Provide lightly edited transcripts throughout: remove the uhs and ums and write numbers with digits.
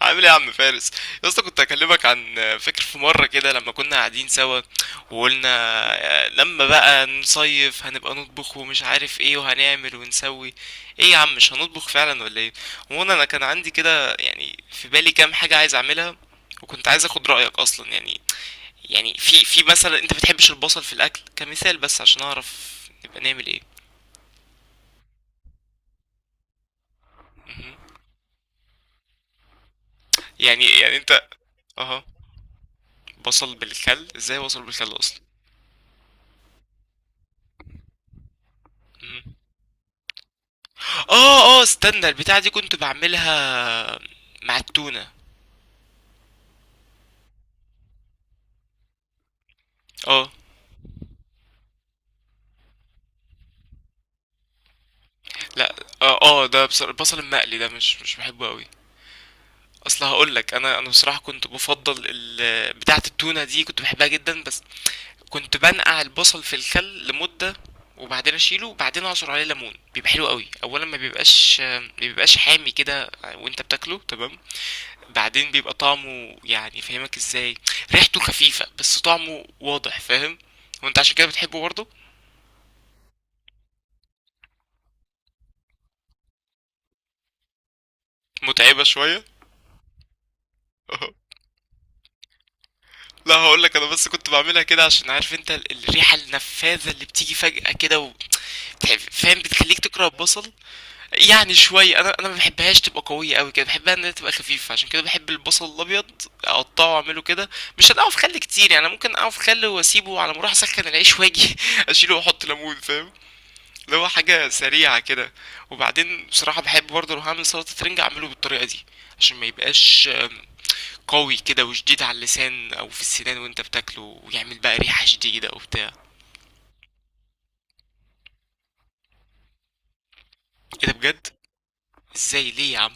عامل ايه يا عم فارس؟ يا اسطى كنت اكلمك عن فاكر في مره كده لما كنا قاعدين سوا وقلنا لما بقى نصيف هنبقى نطبخ ومش عارف ايه وهنعمل ونسوي ايه يا عم؟ مش هنطبخ فعلا ولا ايه؟ وانا كان عندي كده يعني في بالي كام حاجه عايز اعملها، وكنت عايز اخد رايك اصلا. يعني في مثلا انت بتحبش البصل في الاكل كمثال، بس عشان اعرف نبقى نعمل ايه. مهم. يعني انت. اها. بصل بالخل؟ ازاي بصل بالخل اصلا؟ مهم. اه استنى، البتاعة دي كنت بعملها مع التونة. اه. لا. اه، ده البصل المقلي ده مش بحبه قوي. اصل هقول لك، انا بصراحة كنت بفضل بتاعة التونة دي، كنت بحبها جدا، بس كنت بنقع البصل في الخل لمدة وبعدين اشيله وبعدين اعصر عليه ليمون، بيبقى حلو قوي. اولا ما بيبقاش حامي كده وانت بتاكله، تمام؟ بعدين بيبقى طعمه، يعني فاهمك ازاي، ريحته خفيفة بس طعمه واضح، فاهم؟ وانت عشان كده بتحبه برضه. متعبة شوية. لا، هقول لك، انا بس كنت بعملها كده عشان عارف انت الريحة النفاذة اللي بتيجي فجأة كده و... فاهم، بتخليك تكره البصل. يعني شوية، انا ما بحبهاش تبقى قوية قوي كده، بحبها انها تبقى خفيفة، عشان كده بحب البصل الابيض اقطعه واعمله كده. مش هنقعه في خل كتير، يعني أنا ممكن اقعه في خل واسيبه على ما اروح اسخن العيش واجي اشيله واحط ليمون، فاهم؟ اللي هو حاجة سريعة كده. وبعدين بصراحة بحب برضه لو هعمل سلطة رنجة اعمله بالطريقة دي، عشان ما يبقاش قوي كده وشديد على اللسان او في السنان وانت بتاكله، ويعمل بقى ريحة شديدة وبتاع. ايه ده، بجد؟ ازاي؟ ليه يا عم؟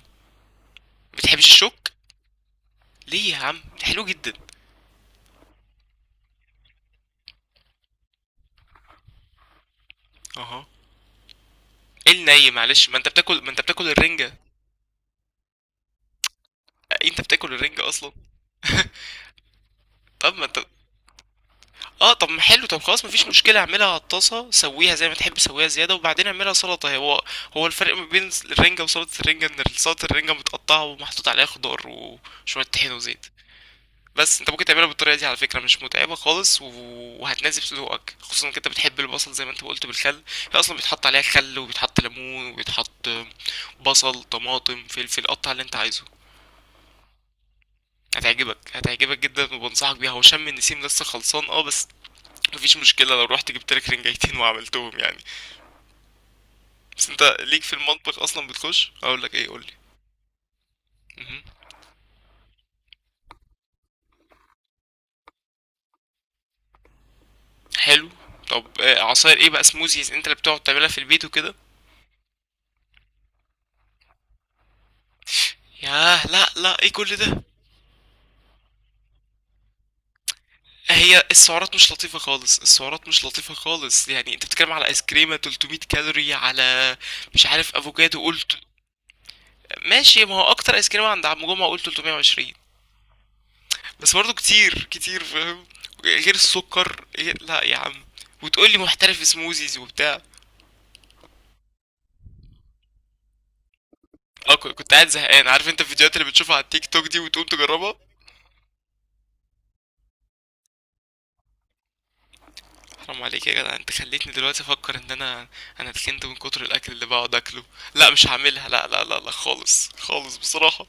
بتحبش الشوك؟ ليه يا عم، ده حلو جدا. اها. ايه الني؟ معلش، ما انت بتاكل، ما انت بتاكل الرنجة. انت بتاكل الرنجة اصلا. طب ما انت، اه، طب ما حلو. طب خلاص، مفيش مشكلة، اعملها على الطاسة، سويها زي ما تحب، سويها زيادة وبعدين اعملها سلطة. هو الفرق ما بين الرنجة وسلطة الرنجة ان سلطة الرنجة متقطعة ومحطوط عليها خضار وشوية طحين وزيت. بس انت ممكن تعملها بالطريقه دي على فكره، مش متعبه خالص، وهتناسب سلوقك، خصوصا انك انت بتحب البصل زي ما انت قلت بالخل. هي اصلا بيتحط عليها خل وبيتحط ليمون وبيتحط بصل، طماطم، فلفل، قطع اللي انت عايزه. هتعجبك جدا، وبنصحك بيها. هو شم النسيم لسه خلصان اه، بس مفيش مشكله لو رحت جبت لك رنجايتين وعملتهم، يعني. بس انت ليك في المطبخ اصلا؟ بتخش؟ اقول لك ايه، قول لي. مهم. حلو. طب عصاير ايه بقى؟ سموزيز انت اللي بتقعد تعملها في البيت وكده؟ ياه، لا لا، ايه كل ده؟ هي السعرات مش لطيفة خالص، السعرات مش لطيفة خالص، يعني انت بتتكلم على ايس كريمة 300 كالوري على، مش عارف، افوكادو قلت. ماشي، ما هو اكتر ايس كريمة عند عم جمعة قلت 320، بس برضه كتير كتير، فاهم؟ غير السكر، لا يا عم، وتقول لي محترف سموزيز وبتاع. اه، كنت قاعد زهقان، عارف انت الفيديوهات اللي بتشوفها على التيك توك دي وتقوم تجربها. حرام عليك يا جدع، انت خليتني دلوقتي افكر ان انا، انا اتخنت من كتر الاكل اللي بقعد اكله. لا مش هعملها، لا لا لا لا، خالص خالص بصراحة.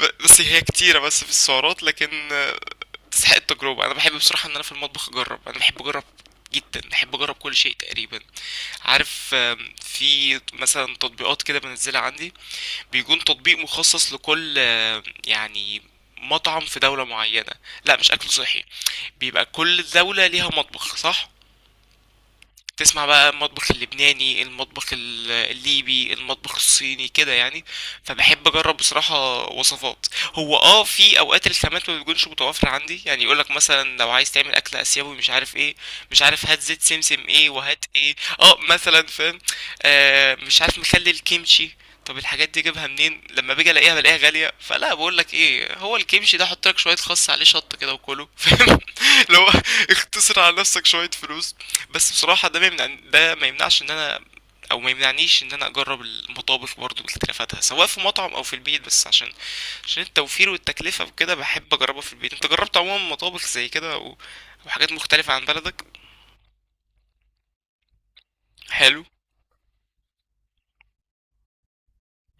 بس هي كتيرة بس في السعرات، لكن تستحق التجربة. انا بحب بصراحة ان انا في المطبخ اجرب، انا بحب اجرب جدا، بحب اجرب كل شيء تقريبا. عارف، في مثلا تطبيقات كده بنزلها عندي، بيكون تطبيق مخصص لكل، يعني مطعم في دولة معينة. لا مش اكل صحي. بيبقى كل دولة ليها مطبخ، صح؟ تسمع بقى المطبخ اللبناني، المطبخ الليبي، المطبخ الصيني، كده يعني. فبحب اجرب بصراحة وصفات. هو اه في اوقات الخامات ما بتكونش متوفرة عندي، يعني يقولك مثلا لو عايز تعمل اكل اسيوي مش عارف ايه، مش عارف، هات زيت سمسم ايه وهات ايه. اه مثلا، فاهم؟ آه مش عارف، مخلي الكيمشي. طب الحاجات دي اجيبها منين؟ لما باجي الاقيها بلاقيها غاليه، فلا بقول لك ايه، هو الكيمشي ده حط لك شويه خس عليه شطه كده وكله، فاهم؟ لو اختصر على نفسك شويه فلوس. بس بصراحة ده ما يمنع، ده ما يمنعش ان انا، او ما يمنعنيش ان انا اجرب المطابخ برضو واختلافاتها، سواء في مطعم او في البيت، بس عشان التوفير والتكلفة وكده بحب اجربها في البيت. انت جربت عموما مطابخ زي كده، او او حاجات مختلفة عن بلدك؟ حلو.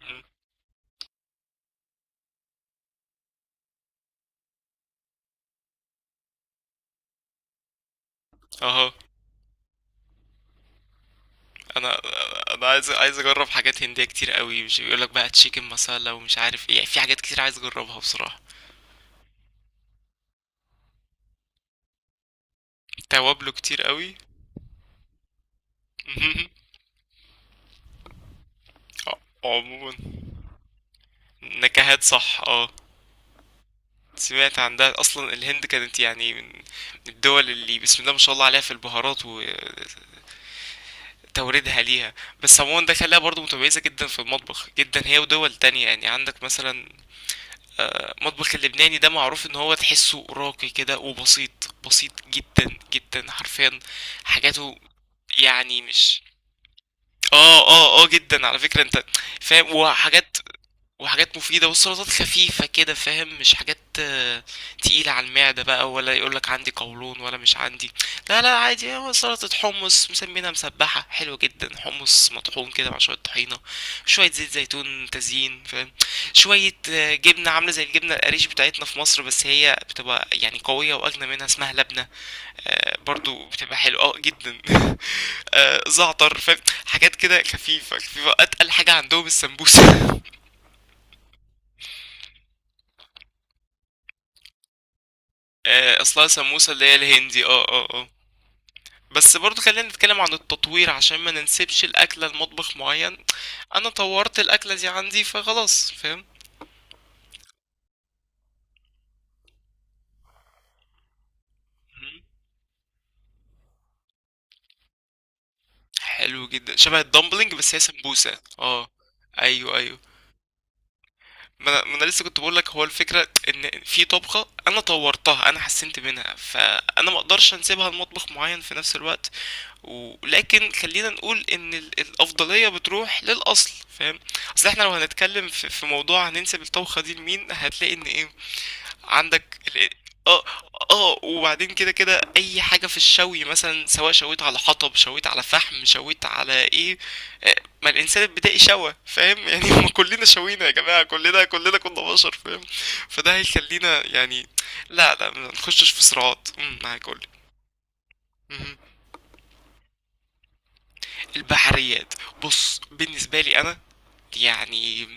مم. اها. انا انا عايز، عايز اجرب حاجات هندية كتير قوي، مش بيقولك بقى تشيكن مسالة ومش عارف ايه، يعني في حاجات كتير عايز اجربها بصراحة. توابله كتير قوي. مهم. عموما، نكهات، صح، اه. سمعت عندها اصلا الهند كانت يعني من الدول اللي بسم الله ما شاء الله عليها في البهارات، وتوردها ليها. بس عموما ده خلاها برضو متميزة جدا في المطبخ، جدا، هي ودول تانية، يعني عندك مثلا المطبخ اللبناني ده معروف ان هو تحسه راقي كده، وبسيط، بسيط جدا جدا، حرفيا حاجاته. يعني مش، اه جدا على فكرة انت، فاهم؟ وحاجات، وحاجات مفيدة، والسلطات خفيفة كده، فاهم؟ مش حاجات تقيلة على المعدة بقى ولا يقولك عندي قولون ولا مش عندي. لا لا عادي، هو سلطة حمص مسمينها مسبحة، حلوة جدا، حمص مطحون كده مع شوية طحينة، شوية زيت زيتون تزيين، فاهم؟ شوية جبنة عاملة زي الجبنة القريش بتاعتنا في مصر، بس هي بتبقى يعني قوية وأجنى منها، اسمها لبنة. برضو بتبقى حلوة اه جدا زعتر، فاهم؟ حاجات كده خفيفة خفيفة. أتقل حاجة عندهم السمبوسة اصلها سموسة، اللي هي الهندي، اه. بس برضو خلينا نتكلم عن التطوير عشان ما ننسبش الاكلة لمطبخ معين. انا طورت الاكلة دي عندي فخلاص، فاهم؟ مهم. حلو جدا، شبه الدمبلينج بس هي سمبوسة اه. ايوه ايوه. ما انا، ما أنا لسه كنت بقول لك، هو الفكرة ان في طبخة انا طورتها، انا حسنت منها، فانا ما اقدرش انسبها لمطبخ معين في نفس الوقت. ولكن خلينا نقول ان الافضليه بتروح للاصل، فاهم؟ اصل احنا لو هنتكلم في, في موضوع هننسب الطبخه دي لمين، هتلاقي ان ايه، عندك اه اه. وبعدين كده كده اي حاجه في الشوي مثلا، سواء شويت على حطب، شويت على فحم، شويت على ايه، آه، ما الانسان البدائي شوى، فاهم؟ يعني ما كلنا شوينا يا جماعه، كلنا، كلنا كنا بشر، فاهم؟ فده هيخلينا يعني، لا لا ما نخشش في صراعات. معاك، قولي. البحريات. بص بالنسبة لي أنا، يعني،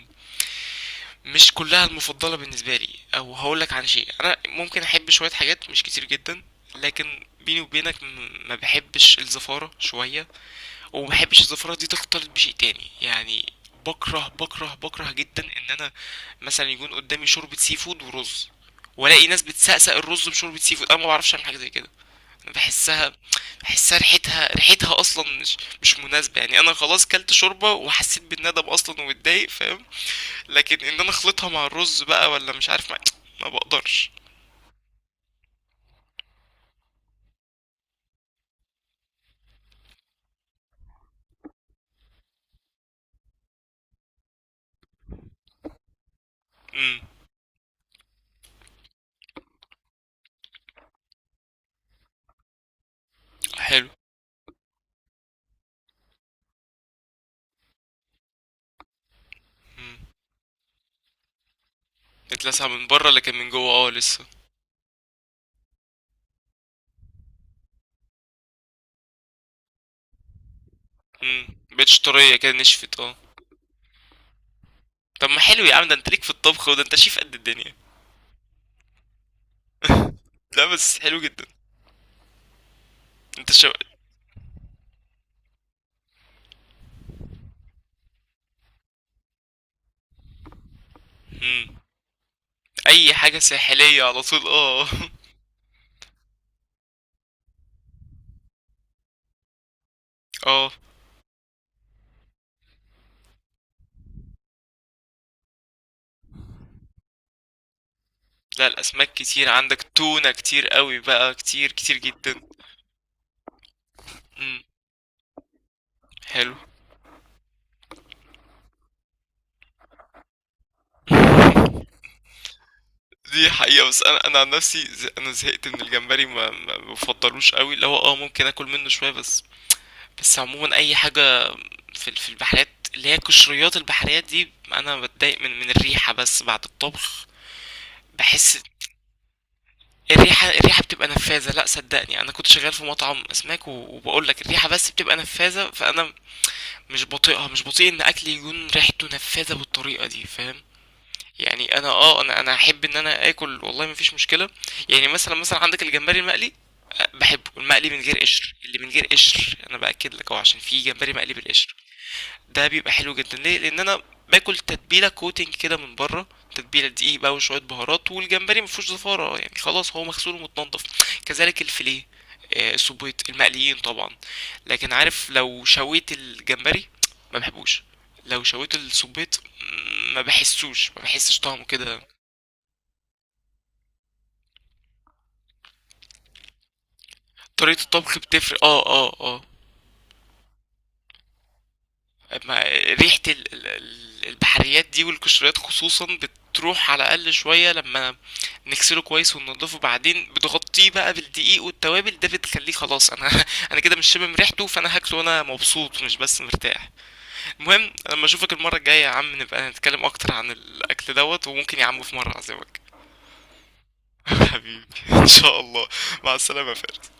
مش كلها المفضلة بالنسبة لي، أو هقولك، عن شيء أنا ممكن أحب شوية حاجات مش كتير جدا. لكن بيني وبينك ما بحبش الزفارة شوية، وما بحبش الزفارة دي تختلط بشيء تاني، يعني بكره، بكره بكره جدا ان انا مثلا يكون قدامي شوربة سي فود ورز، والاقي ناس بتسقسق الرز بشوربة سي فود، انا ما بعرفش اعمل حاجة زي كده. باحسها، باحسها ريحتها اصلا مش مناسبه، يعني انا خلاص كلت شوربه وحسيت بالندم اصلا واتضايق، فاهم؟ لكن ان انا اخلطها مع الرز بقى، ولا مش عارف مع... ما بقدرش. امم. حلو. امم. اتلسع من بره لكن من جوه اه لسه. امم، بقتش طريه كده، نشفت اه. طب ما حلو يا عم، ده انت ليك في الطبخ، وده انت شيف قد الدنيا. لا بس حلو جدا. انت شو. امم. اي حاجه ساحليه على طول اه. اه. لا، الأسماك كتير، عندك تونة كتير قوي بقى، كتير كتير جدا. امم. حلو. دي حقيقة، بس أنا، أنا عن نفسي، أنا زهقت من الجمبري، ما بفضلوش قوي، اللي هو اه ممكن آكل منه شوية بس. بس عموما أي حاجة في في البحريات، اللي هي قشريات، البحريات دي أنا بتضايق من الريحة بس بعد الطبخ. بحس الريحة، الريحة بتبقى نفاذة، لا صدقني، أنا كنت شغال في مطعم أسماك وبقول لك الريحة بس بتبقى نفاذة، فأنا مش بطيئها، مش بطيء ان اكل يكون ريحته نفاذة بالطريقة دي، فاهم؟ يعني انا اه انا، انا احب ان انا اكل، والله مفيش مشكله. يعني مثلا، مثلا عندك الجمبري المقلي، بحبه المقلي من غير قشر، اللي من غير قشر انا باكد لك اهو، عشان في جمبري مقلي بالقشر. ده بيبقى حلو جدا، ليه؟ لان انا باكل تتبيله كوتنج كده من بره، تتبيله دقيق بقى وشويه بهارات، والجمبري مفيهوش زفاره يعني، خلاص هو مغسول ومتنضف، كذلك الفيليه، السبيط المقليين طبعا. لكن عارف، لو شويت الجمبري ما بحبوش، لو شويت السبيط ما بحسوش، ما بحسش طعمه كده. طريقه الطبخ بتفرق اه اه اه. ما ريحة البحريات دي والقشريات خصوصا بتروح على الأقل شوية لما نغسله كويس وننضفه، بعدين بتغطيه بقى بالدقيق والتوابل، ده بتخليه خلاص، أنا أنا كده مش شامم ريحته، فأنا هاكله وأنا مبسوط، مش بس مرتاح. المهم لما أشوفك المرة الجاية يا عم نبقى نتكلم أكتر عن الأكل دوت، وممكن يا عم في مرة أعزمك. حبيبي إن شاء الله. مع السلامة يا فارس.